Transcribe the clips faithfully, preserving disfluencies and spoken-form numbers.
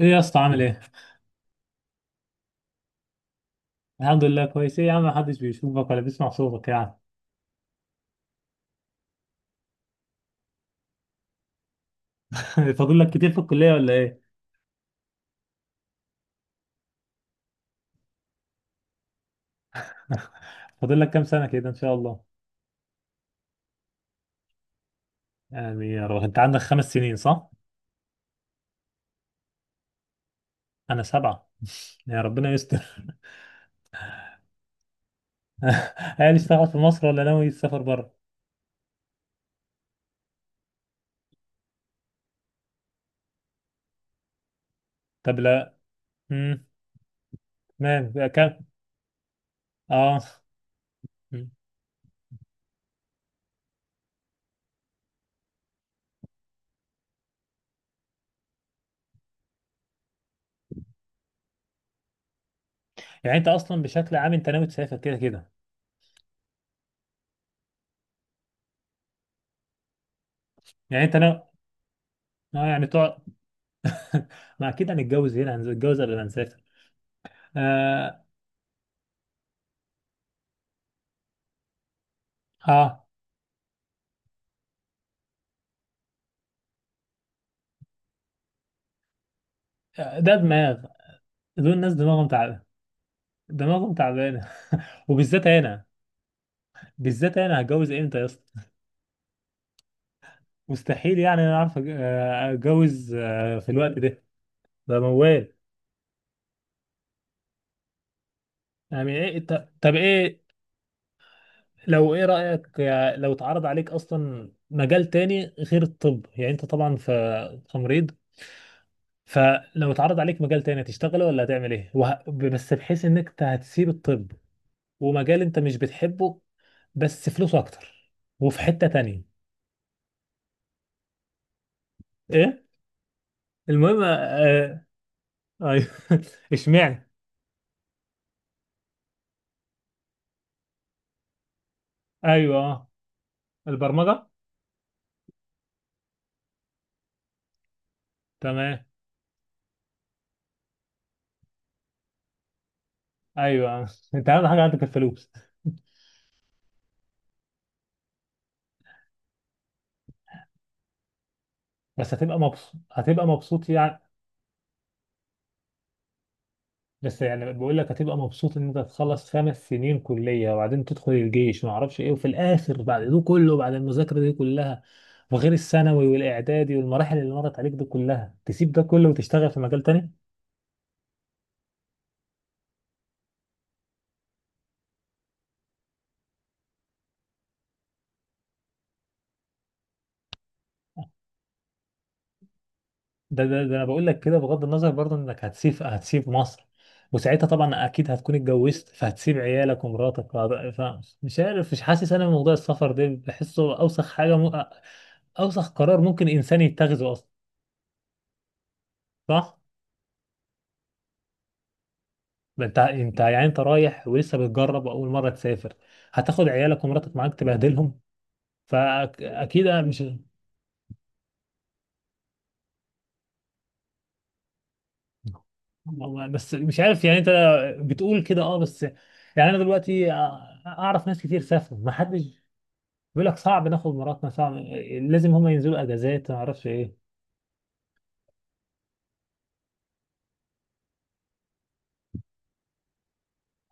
ايه يا اسطى، عامل ايه؟ الحمد لله، كويس. ايه يا عم، محدش بيشوفك ولا بيسمع صوتك يعني؟ فاضل لك كتير في الكلية ولا ايه؟ فاضل لك كام سنة كده ان شاء الله؟ يعني يا رب انت عندك خمس سنين صح؟ انا سبعة. يا ربنا يستر. هل اشتغل في مصر ولا ناوي تسافر بره؟ طب لا. امم تمام بقى كام؟ اه. مم. يعني انت اصلا بشكل عام انت ناوي تسافر كده كده. يعني انت ناوي. اه يعني تقعد. ما اكيد هنتجوز هنا، هنتجوز قبل ما نسافر. آه. اه. ده دماغ. دول الناس دماغهم تعب، دماغهم تعبانه. وبالذات انا بالذات انا هتجوز امتى يا اسطى؟ مستحيل يعني. انا اعرف أج- آه، اتجوز آه، في الوقت ده؟ ده موال. يعني ايه؟ إيه، ط- طب ايه؟ لو ايه رايك، آه، لو اتعرض عليك اصلا مجال تاني غير الطب؟ يعني انت طبعا في تمريض. فلو اتعرض عليك مجال تاني هتشتغله ولا هتعمل ايه وه... بس بحيث انك إنت هتسيب الطب، ومجال انت مش بتحبه بس فلوسه اكتر، وفي حتة تانية. ايه؟ المهم. آه... آه... اشمعنى؟ ايوه. آه. البرمجه. تمام. ايوه. آه. انت اهم حاجه عندك الفلوس. بس هتبقى مبسوط، هتبقى مبسوط يعني؟ بس يعني بقول لك هتبقى مبسوط ان انت تخلص خمس سنين كليه، وبعدين تدخل الجيش ما اعرفش ايه، وفي الاخر بعد ده كله، بعد المذاكره دي كلها، وغير الثانوي والاعدادي والمراحل اللي مرت عليك دي كلها، تسيب ده كله وتشتغل في مجال تاني؟ ده ده, ده انا بقول لك كده بغض النظر برضه انك هتسيب هتسيب مصر، وساعتها طبعا اكيد هتكون اتجوزت، فهتسيب عيالك ومراتك وهت- فمش عارف، مش حاسس. انا موضوع السفر ده بحسه اوسخ حاجه م... اوسخ قرار ممكن انسان يتخذه اصلا. صح؟ ما انت، انت يعني انت رايح ولسه بتجرب واول مره تسافر، هتاخد عيالك ومراتك معاك تبهدلهم؟ فاكيد أنا مش. بس مش عارف يعني انت بتقول كده، اه، بس يعني انا دلوقتي اعرف ناس كتير سافروا، ما حدش بيقول لك صعب ناخد مراتنا، صعب، لازم هما ينزلوا اجازات ما اعرفش ايه.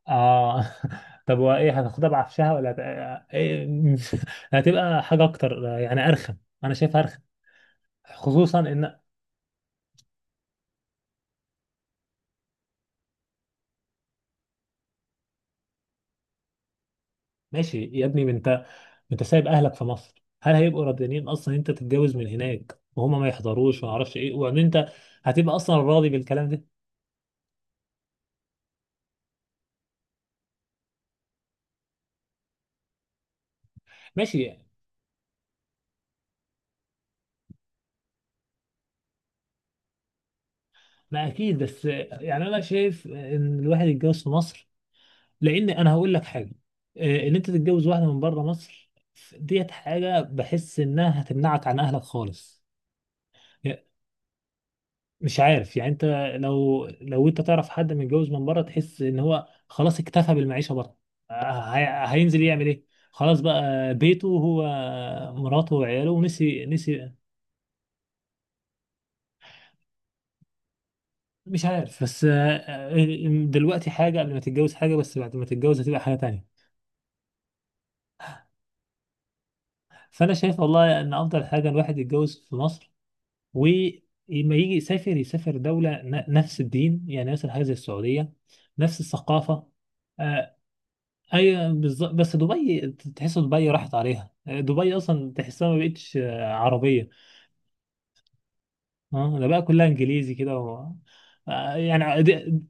اه. طب وايه، هتاخدها بعفشها ولا هت... إيه؟ هتبقى حاجه اكتر يعني، ارخم. انا شايفها ارخم. خصوصا ان. ماشي يا ابني. ما انت انت سايب اهلك في مصر، هل هيبقوا راضيين اصلا انت تتجوز من هناك وهما ما يحضروش وما اعرفش ايه، وان انت هتبقى اصلا راضي بالكلام ده؟ ماشي. ما اكيد، بس يعني انا شايف ان الواحد يتجوز في مصر. لان انا هقول لك حاجه، آه، ان انت تتجوز واحده من بره مصر، ديت حاجه بحس انها هتمنعك عن اهلك خالص. يعني مش عارف يعني انت. لو لو انت تعرف حد متجوز من بره، تحس ان هو خلاص اكتفى بالمعيشه بره. آه، هي- هينزل يعمل ايه؟ خلاص بقى بيته هو، مراته وعياله، ونسي نسي. مش عارف، بس آه، آه، دلوقتي حاجه قبل ما تتجوز، حاجه بس بعد ما تتجوز هتبقى حاجه تانية. فانا شايف والله ان افضل حاجه الواحد يتجوز في مصر، ولما يجي يسافر، يسافر دولة ن- نفس الدين. يعني مثلا هذه السعودية، نفس الثقافة. آه، أي بالظبط. بس دبي، ت- تحس دبي راحت عليها، آه، دبي أصلا تحسها ما بقتش آه، عربية. اه، ده بقى كلها إنجليزي كده و... آه، يعني دي...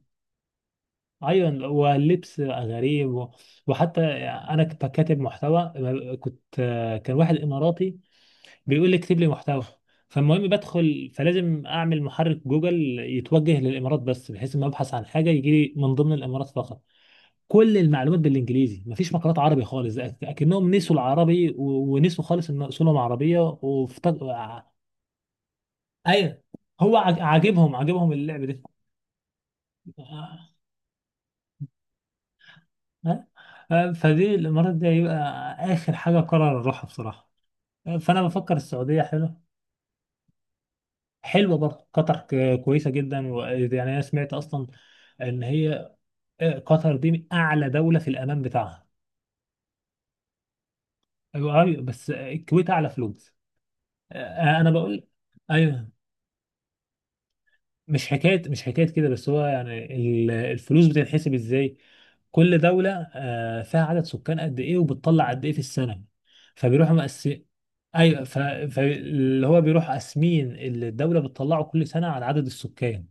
أيوة، واللبس بقى غريب و... وحتى، أنا كنت كاتب محتوى. كنت، آه، كان واحد إماراتي بيقول لي اكتب لي محتوى. فالمهم بدخل، فلازم اعمل محرك جوجل يتوجه للامارات، بس بحيث ما ابحث عن حاجه يجي لي من ضمن الامارات فقط. كل المعلومات بالانجليزي، مفيش مقالات عربي خالص، اكنهم نسوا العربي و- ونسوا خالص ان اصولهم عربيه وفتج... ايوه. هو عج- عاجبهم عاجبهم اللعب دي. آه. آه. فدي الامارات دي هيبقى اخر حاجه قرر اروحها بصراحه. آه. فانا بفكر السعوديه حلو. حلوه برضه قطر، ك- كويسه جدا و- يعني انا سمعت اصلا ان هي، آه، قطر دي من اعلى دوله في الامان بتاعها. ايوه، أيوة، بس الكويت اعلى فلوس. آه، انا بقول. ايوه، مش حكايه مش حكايه كده. بس هو يعني ال- الفلوس بتتحسب ازاي؟ كل دوله آه، فيها عدد سكان قد ايه، وبتطلع قد ايه في السنه، فبيروحوا مقسم. ايوه. ف... فاللي هو بيروح قاسمين اللي الدوله بتطلعه كل سنه على عدد السكان،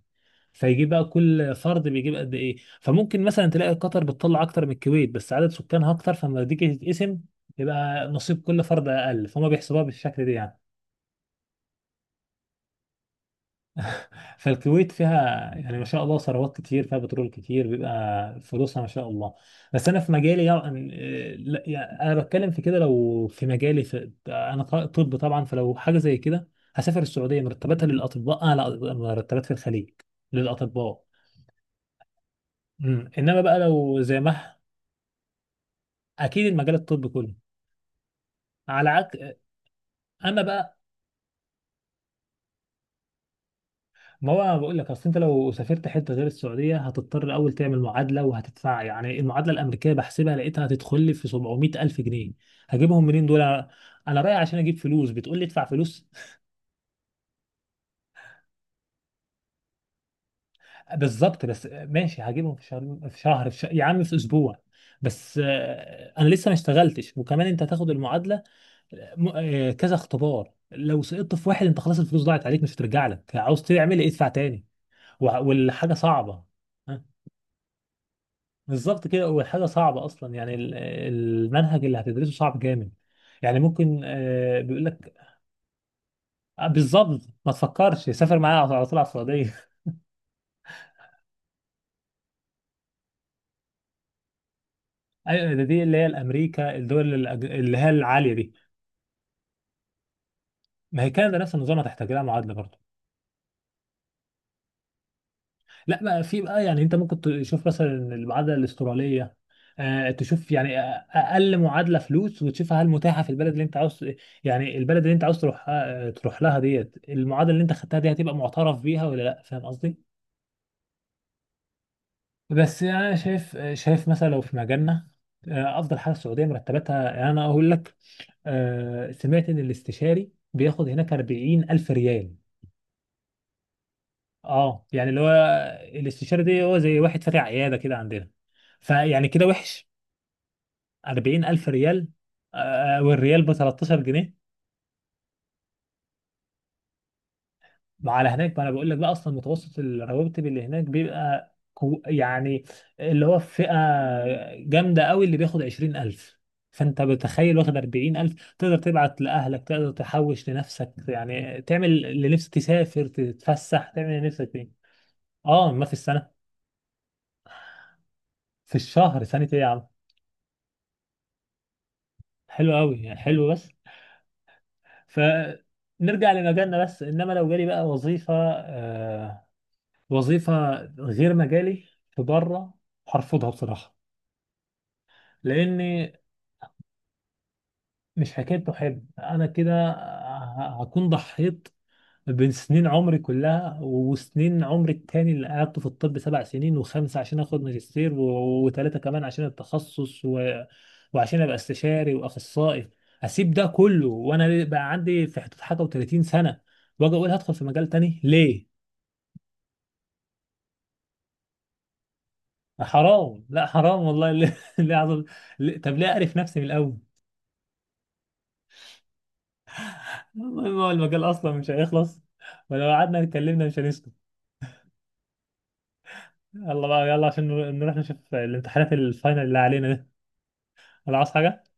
فيجيب بقى كل فرد بيجيب قد ايه. فممكن مثلا تلاقي قطر بتطلع اكتر من الكويت بس عدد سكانها اكتر، فلما تيجي تتقسم يبقى نصيب كل فرد اقل، فهم بيحسبوها بالشكل ده يعني. فالكويت فيها يعني ما شاء الله ثروات كتير، فيها بترول كتير، بيبقى فلوسها ما شاء الله. بس انا في مجالي يعني، آه، لا يعني انا بتكلم في كده. لو في مجالي، في انا، ط- طب طبعا فلو حاجه زي كده، هسافر السعوديه. مرتباتها للأطباء أعلى مرتبات في الخليج، للأطباء. امم انما بقى لو زي، اكيد المجال الطبي كله، على عكس. اما بقى، ما هو انا بقول لك، اصل انت لو سافرت حته غير السعوديه، هتضطر اول تعمل معادله وهتدفع. يعني المعادله الامريكيه بحسبها لقيتها هتدخل لي في سبعمائة الف جنيه. هجيبهم منين دول انا؟ أنا رايح عشان اجيب فلوس، بتقول لي ادفع فلوس؟ بالظبط. بس ماشي هجيبهم في شهر، في شهر، في ش... يا عم في اسبوع. بس آه، انا لسه ما اشتغلتش. وكمان انت هتاخد المعادله، آه، م- آه، كذا اختبار، لو سقطت في واحد انت خلاص الفلوس ضاعت عليك، مش هترجع لك، عاوز تعمل ايه؟ ادفع تاني. وع- والحاجة صعبة. ها؟ بالظبط كده. والحاجة صعبة أصلا. يعني ال- المنهج اللي هتدرسه صعب جامد، يعني ممكن، آه، بيقول لك، آه، بالظبط. ما تفكرش، سافر معايا على على طول على السعودية. أيوة، ده دي اللي هي الأمريكا، الدول الأج- اللي هي العالية دي. ما هي كندا نفس النظام، هتحتاج لها معادلة برضه. لا بقى، في بقى، يعني انت ممكن تشوف مثلا المعادله الاستراليه، آه تشوف يعني اقل معادله فلوس، وتشوفها هل متاحه في البلد اللي انت عاوز. يعني البلد اللي انت عاوز تروح آه، تروح لها، ديت المعادله اللي انت خدتها دي هتبقى معترف بيها ولا لا؟ فاهم قصدي؟ بس يعني انا شايف شايف مثلا، لو في مجالنا، آه، افضل حاجه السعوديه. مرتباتها يعني انا اقول لك، آه، سمعت ان الاستشاري بياخد هناك أربعين الف ريال. اه، يعني اللي هو، الاستشاري دي هو زي واحد فاتح عياده كده عندنا، فيعني كده وحش، أربعين ألف ريال. آه، والريال ب تلتاشر جنيه. على هناك. ما أنا بقول لك بقى، أصلا متوسط الرواتب اللي هناك بيبقى كو- يعني اللي هو في فئة جامدة قوي اللي بياخد عشرين ألف. فأنت بتخيل واخد أربعين ألف، تقدر تبعت لأهلك، تقدر تحوش لنفسك، يعني تعمل اللي نفسك، تسافر، تتفسح، تعمل اللي نفسك فيه. أه، ما في السنة. في الشهر، سنة إيه يا عم. حلو قوي يعني، حلو بس. ف نرجع لمجالنا. بس انما لو جالي بقى وظيفه آه، وظيفة غير مجالي في بره، هرفضها بصراحة. لأني مش حكاية بحب أنا كده، ه- هكون ضحيت بين سنين عمري كلها. وسنين عمري التاني اللي قعدته في الطب سبع سنين، وخمسة عشان آخد ماجستير، و- وتلاتة كمان عشان التخصص و... وعشان أبقى استشاري وأخصائي. أسيب ده كله وأنا بقى عندي في حدود حاجة و30 سنة، وأجي أقول هدخل في مجال تاني ليه؟ حرام، لا حرام والله. ليه؟ ليه عظم؟ ليه- طب ليه اعرف نفسي من الاول؟ المهم هو المجال اصلا مش هيخلص، ولو قعدنا اتكلمنا مش هنسكت. يلا بقى، يلا، عشان نروح نشوف الامتحانات الفاينل اللي علينا ده. ولا عاوز حاجه؟